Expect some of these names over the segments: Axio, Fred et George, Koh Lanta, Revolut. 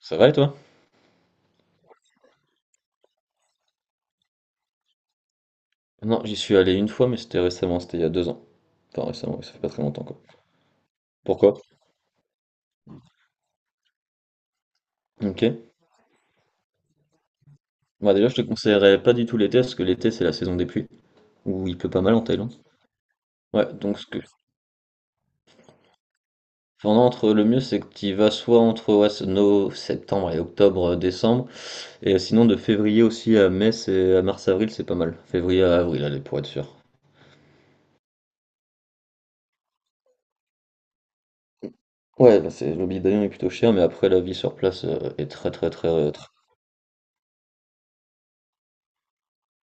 Ça va et toi? Non, j'y suis allé une fois, mais c'était récemment, c'était il y a deux ans. Enfin, récemment, ouais, ça fait pas très longtemps, quoi. Pourquoi? Ok. Moi, déjà, je te conseillerais pas du tout l'été, parce que l'été, c'est la saison des pluies, où il pleut pas mal en Thaïlande. Ouais, donc ce que. Enfin, non, entre le mieux, c'est que tu y vas soit entre ouais, c'est septembre et octobre, décembre, et sinon de février aussi à mai, c'est à mars-avril, c'est pas mal. Février à avril, allez, pour être sûr. Ouais, bah, c'est le billet d'avion est plutôt cher, mais après, la vie sur place est très, très, très, très.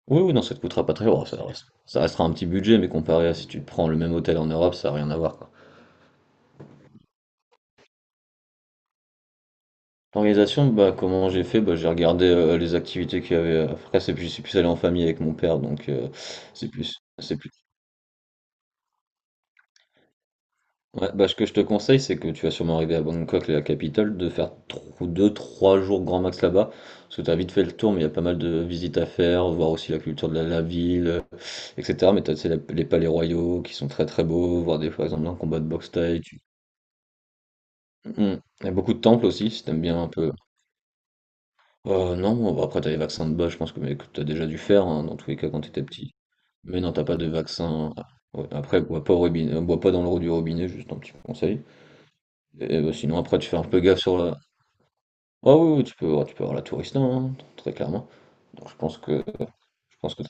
Oui, oui, non, ça te coûtera pas très cher. Ça, ça restera un petit budget, mais comparé à si tu prends le même hôtel en Europe, ça n'a rien à voir, quoi. L'organisation, bah, comment j'ai fait? Bah, j'ai regardé les activités qu'il y avait. Après, c'est plus, je suis plus allé en famille avec mon père, donc c'est plus. Ouais, bah, ce que je te conseille, c'est que tu vas sûrement arriver à Bangkok, la capitale, de faire 2, trois jours grand max là-bas, parce que tu as vite fait le tour, mais il y a pas mal de visites à faire, voir aussi la culture de la ville, etc. Mais tu as les palais royaux qui sont très très beaux, voir des, par exemple un combat de boxe thaï. Mmh. Il y a beaucoup de temples aussi, si t'aimes bien un peu. Oh non, bon, bah après t'as les vaccins de base, je pense que, mais que t'as déjà dû faire hein, dans tous les cas quand t'étais petit. Mais non, t'as pas de vaccin. Ah, ouais. Après, bois pas au robinet, bois pas dans l'eau du robinet, juste un petit conseil. Et bah, sinon, après, tu fais un peu gaffe sur la. Ah oui, oui, tu peux, ouais, tu peux avoir la tourista, hein, très clairement. Donc je pense que.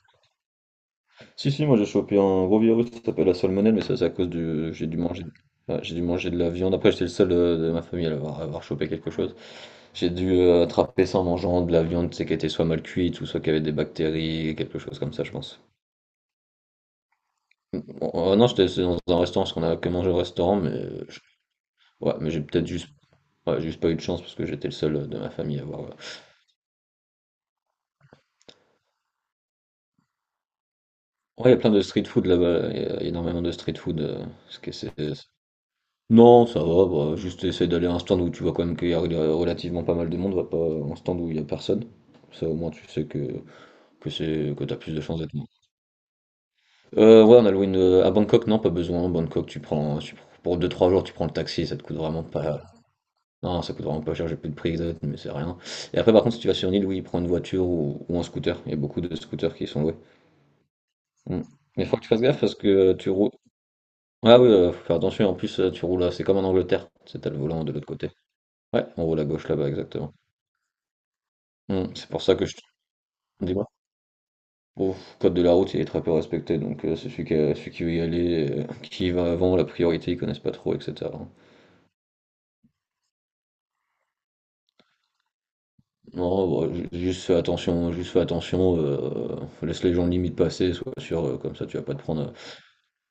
Si si, moi j'ai chopé un gros virus, ça s'appelle la salmonelle, mais ça c'est à cause du, j'ai dû manger, ouais, j'ai dû manger de la viande. Après, j'étais le seul de, ma famille à avoir chopé quelque chose. J'ai dû attraper ça en mangeant de la viande, c'est sais, qui était soit mal cuite ou soit qui avait des bactéries, quelque chose comme ça, je pense. Bon, non, j'étais c'est dans un restaurant, parce qu'on a que mangé au restaurant, mais ouais, mais j'ai peut-être juste, ouais, juste pas eu de chance parce que j'étais le seul de ma famille à avoir. Ouais, il y a plein de street food là-bas, il y a énormément de street food. Ce que c'est... Non, ça va, bah, juste essayer d'aller à un stand où tu vois quand même qu'il y a relativement pas mal de monde, va pas à un stand où il y a personne. Ça au moins tu sais que c'est que t'as plus de chances d'être ouais, on a loué une... À Bangkok, non, pas besoin. À Bangkok, tu prends... tu Pour deux trois jours, tu prends le taxi, ça te coûte vraiment pas... Non, ça coûte vraiment pas cher, j'ai plus de prix exact, mais c'est rien. Et après, par contre, si tu vas sur une île, oui, prends une voiture ou un scooter. Il y a beaucoup de scooters qui sont loués. Mm. Mais faut que tu fasses gaffe parce que tu roules... Ah oui, faut faire attention, en plus, tu roules... C'est comme en Angleterre, c'est t'as le volant de l'autre côté. Ouais, on roule à gauche là-bas, exactement. Mm. C'est pour ça que je... Dis-moi. Au code de la route, il est très peu respecté, donc c'est celui qui, celui qui veut y aller, qui y va avant, la priorité, ils connaissent pas trop, etc. Non, bah, juste fais attention, juste fais attention. Laisse les gens limite passer, sois sûr, comme ça tu vas pas te prendre.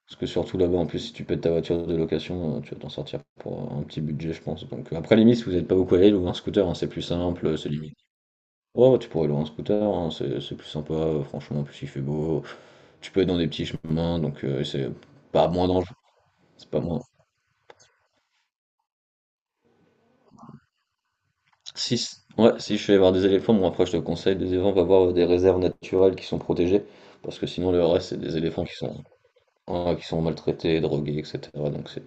Parce que surtout là-bas, en plus, si tu pètes ta voiture de location, tu vas t'en sortir pour un petit budget, je pense. Donc après, limite, si vous n'êtes pas beaucoup à aller, louer un scooter, hein, c'est plus simple, c'est limite. Ouais ouais, tu pourrais louer un scooter, hein, c'est plus sympa, franchement, en plus il fait beau, tu peux être dans des petits chemins, donc c'est pas moins dangereux, c'est pas moins. Si, ouais, si je suis voir des éléphants, bon après je te conseille des éléphants, va voir des réserves naturelles qui sont protégées, parce que sinon le reste c'est des éléphants qui sont Ouais, qui sont maltraités, drogués, etc. Donc c'est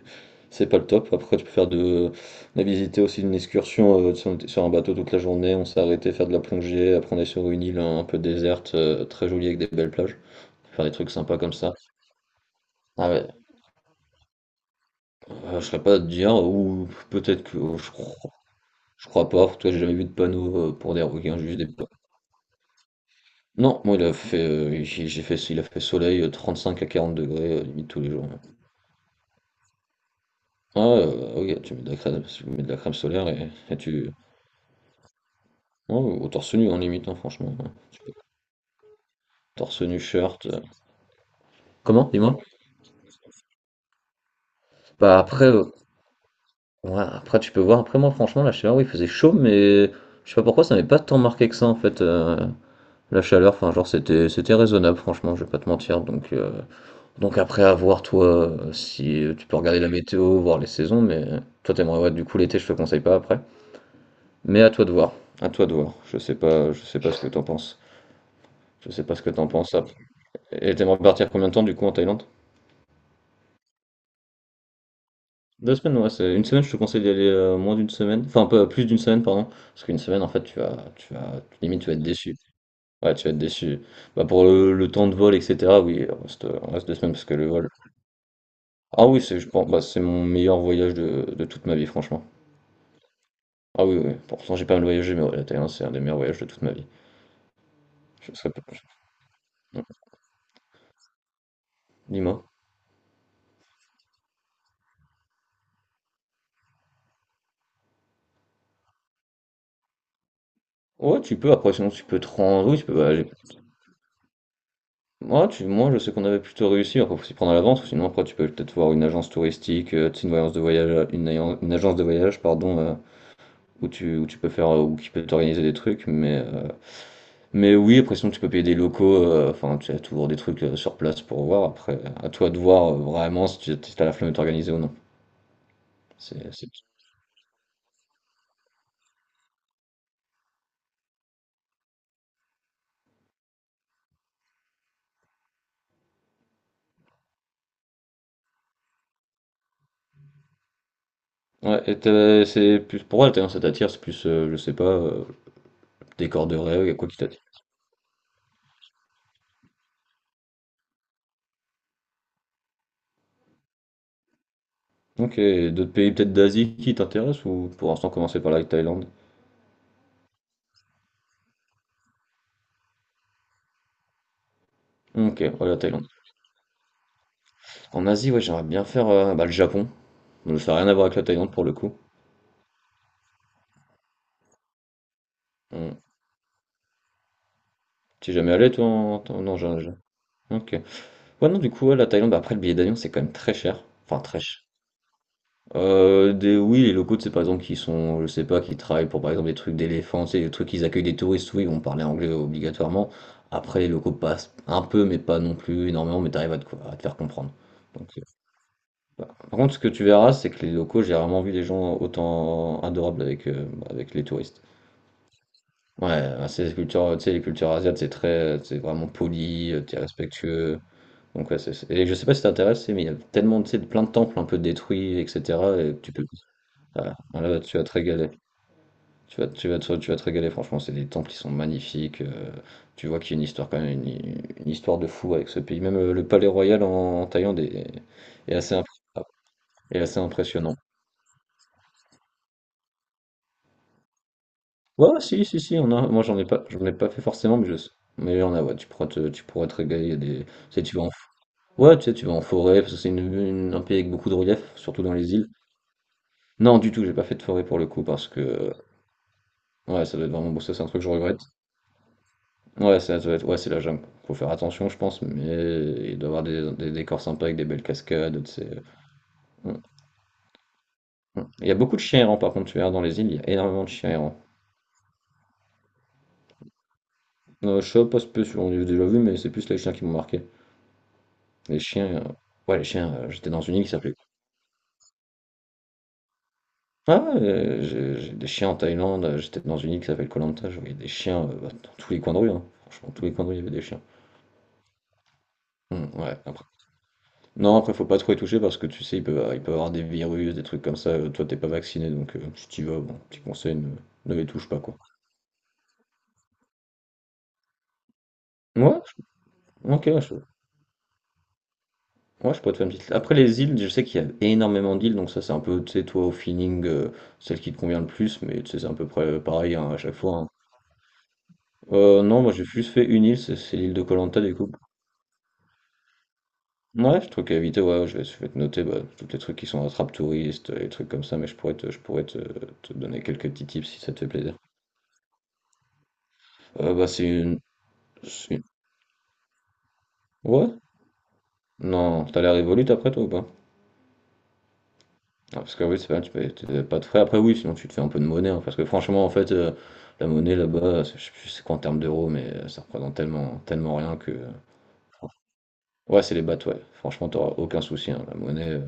c'est pas le top. Après, tu peux faire de. On a visité aussi une excursion sur, on était sur un bateau toute la journée. On s'est arrêté faire de la plongée. Après, on est sur une île un peu déserte, très jolie avec des belles plages. Faire des trucs sympas comme ça. Ah ouais, je serais pas à te dire, ou peut-être que. Oh, je crois pas. Toi, j'ai jamais vu de panneau pour des requins, juste des. Non, moi, il a fait, j'ai fait, il a fait soleil 5 à 40 degrés, limite tous les jours. Ah, ouais, ok, tu mets de la crème, tu mets de la crème solaire et tu, Ouais, au torse nu en limite, hein, franchement. Tu peux- Torse nu, shirt. Comment, dis-moi? Bah après, ouais, après tu peux voir. Après moi, franchement, la chaleur, oui, il faisait chaud, mais je sais pas pourquoi ça m'avait pas tant marqué que ça en fait. La chaleur, enfin genre c'était raisonnable, franchement, je vais pas te mentir. Donc donc après à voir toi si tu peux regarder la météo, voir les saisons, mais toi t'aimerais ouais, du coup l'été, je te conseille pas après. Mais à toi de voir. À toi de voir. Je sais pas ce que t'en penses. Je sais pas ce que t'en penses. Après. Et t'aimerais partir combien de temps du coup en Thaïlande? Deux semaines, ouais, c'est une semaine, je te conseille d'y aller moins d'une semaine, enfin un peu plus d'une semaine, pardon, parce qu'une semaine, en fait, tu vas, limite, tu vas être déçu. Ouais, tu vas être déçu. Bah, pour le temps de vol, etc., oui, on reste deux semaines parce que le vol. Ah oui, c'est, je pense, bah, c'est mon meilleur voyage de toute ma vie, franchement. Ah oui, oui, pourtant j'ai pas mal voyagé, mais ouais, la Thaïlande, c'est un des meilleurs voyages de toute ma vie. Je serais pas- Dis-moi. Ouais, tu peux, après, sinon, tu peux te rendre, oui, tu peux, bah, Moi, tu, moi, je sais qu'on avait plutôt réussi. Après, faut s'y prendre à l'avance. Sinon, après, tu peux peut-être voir une agence touristique, tu sais, une voyance de voyage, une, une agence de voyage, pardon, où tu peux faire, ou qui peut t'organiser des trucs. Mais oui, après, sinon, tu peux payer des locaux. Enfin, tu as toujours des trucs sur place pour voir. Après, à toi de voir vraiment si tu si t'as la flemme de t'organiser ou non. C'est... Ouais, et t'as- c'est plus pour elle, t'as- ça t'attire, c'est plus, je sais pas, décor de rêve, y a quoi qui t'attire. Ok, et d'autres pays peut-être d'Asie qui t'intéressent ou pour l'instant commencer par la Thaïlande? OK, ouais, la Thaïlande. En Asie, ouais, j'aimerais bien faire bah, le Japon. Donc, ça n'a rien à voir avec la Thaïlande pour le coup. Hmm. T'es jamais allé toi? En- en- Non, j'ai- Ok. Ouais, non, du coup, ouais, la Thaïlande, bah, après le billet d'avion, c'est quand même très cher. Enfin, très cher. Des... Oui, les locaux, c'est par exemple, qui sont, je sais pas, qui travaillent pour par exemple des trucs d'éléphants, c'est des trucs qu'ils accueillent des touristes, oui, ils vont parler anglais obligatoirement. Après, les locaux passent un peu, mais pas non plus énormément, mais t'arrives à te... à te faire comprendre. Par contre, ce que tu verras, c'est que les locaux, j'ai rarement vu des gens autant adorables avec, avec les touristes. Ouais, enfin, c'est les cultures, tu sais, les cultures asiatiques, c'est très, c'est vraiment poli, t'es respectueux. Donc ouais, c'est, et je sais pas si t'intéresse, mais il y a tellement, tu sais, plein de temples un peu détruits, etc. Et que tu peux... Ah, là, tu vas te régaler. Tu vas te régaler, franchement, c'est des temples qui sont magnifiques. Tu vois qu'il y a une histoire quand même, une histoire de fou avec ce pays. Même le palais royal en Thaïlande est, est assez, est assez impressionnant. Ouais, ouais, si, si, si, on a. Moi, j'en ai pas fait forcément, mais je sais. Mais il y en a, ouais, tu pourras te régaler. Il y a des... Tu sais, ouais, tu sais, tu vas en forêt, parce que c'est un pays avec beaucoup de relief, surtout dans les îles. Non, du tout, j'ai pas fait de forêt pour le coup, parce que... Ouais, ça doit être vraiment. Bon, ça, c'est un truc que je regrette. Ouais, ça doit être. Ouais, c'est la jungle. Faut faire attention, je pense, mais il doit y avoir des décors sympas avec des belles cascades, tu sais. Hum, Il y a beaucoup de chiens errants, par contre, tu verras dans les îles, il y a énormément de chiens errants. Je sais pas spécialement, on les a déjà vu, mais c'est plus les chiens qui m'ont marqué. Les chiens, ouais, les chiens, j'étais dans une île qui s'appelait... Ah, j'ai des chiens en Thaïlande, j'étais dans une île qui s'appelle Koh Lanta, je voyais des chiens bah, dans tous les coins de rue, hein. Franchement, tous les coins de rue, il y avait des chiens. Ouais, après. Non, après, faut pas trop y toucher parce que tu sais, il peut y avoir des virus, des trucs comme ça, toi, t'es pas vacciné, donc si t'y vas, bon, petit conseil, ne, ne les touche pas, quoi. Ouais, ok, je, ouais, je peux te faire une petite... Après, les îles, je sais qu'il y a énormément d'îles, donc ça, c'est un peu, tu sais, toi, au feeling, celle qui te convient le plus, mais tu sais, c'est à peu près pareil hein, à chaque fois, hein. Non, moi j'ai juste fait une île, c'est l'île de koh du coup. Ouais, je trouve qu'à éviter, ouais, je vais te noter bah, tous les trucs qui sont attrape touristes, les trucs comme ça, mais je pourrais te donner quelques petits tips si ça te fait plaisir. Bah c'est une, c'est une- Ouais? Non, t'as l'air Revolut après toi ou pas? Ah, parce que oui, c'est pas mal, tu payes t'as pas de frais. Après oui, sinon tu te fais un peu de monnaie, hein, parce que franchement en fait, la monnaie là-bas, c'est... je sais plus c'est quoi en termes d'euros, mais ça représente tellement, tellement rien que... Ouais, c'est les bateaux, ouais. Franchement, t'auras aucun souci, hein, la monnaie.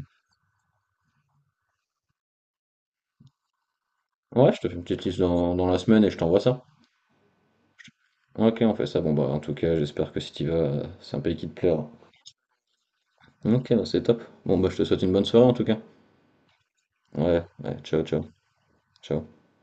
Ouais, je te fais une petite liste dans la semaine et je t'envoie ça. Ok, on fait ça. Bon, bah, en tout cas, j'espère que si t'y vas, c'est un pays qui te plaira. Ok, bah, c'est top. Bon, bah, je te souhaite une bonne soirée en tout cas. Ouais, ouais, ciao, ciao, ciao.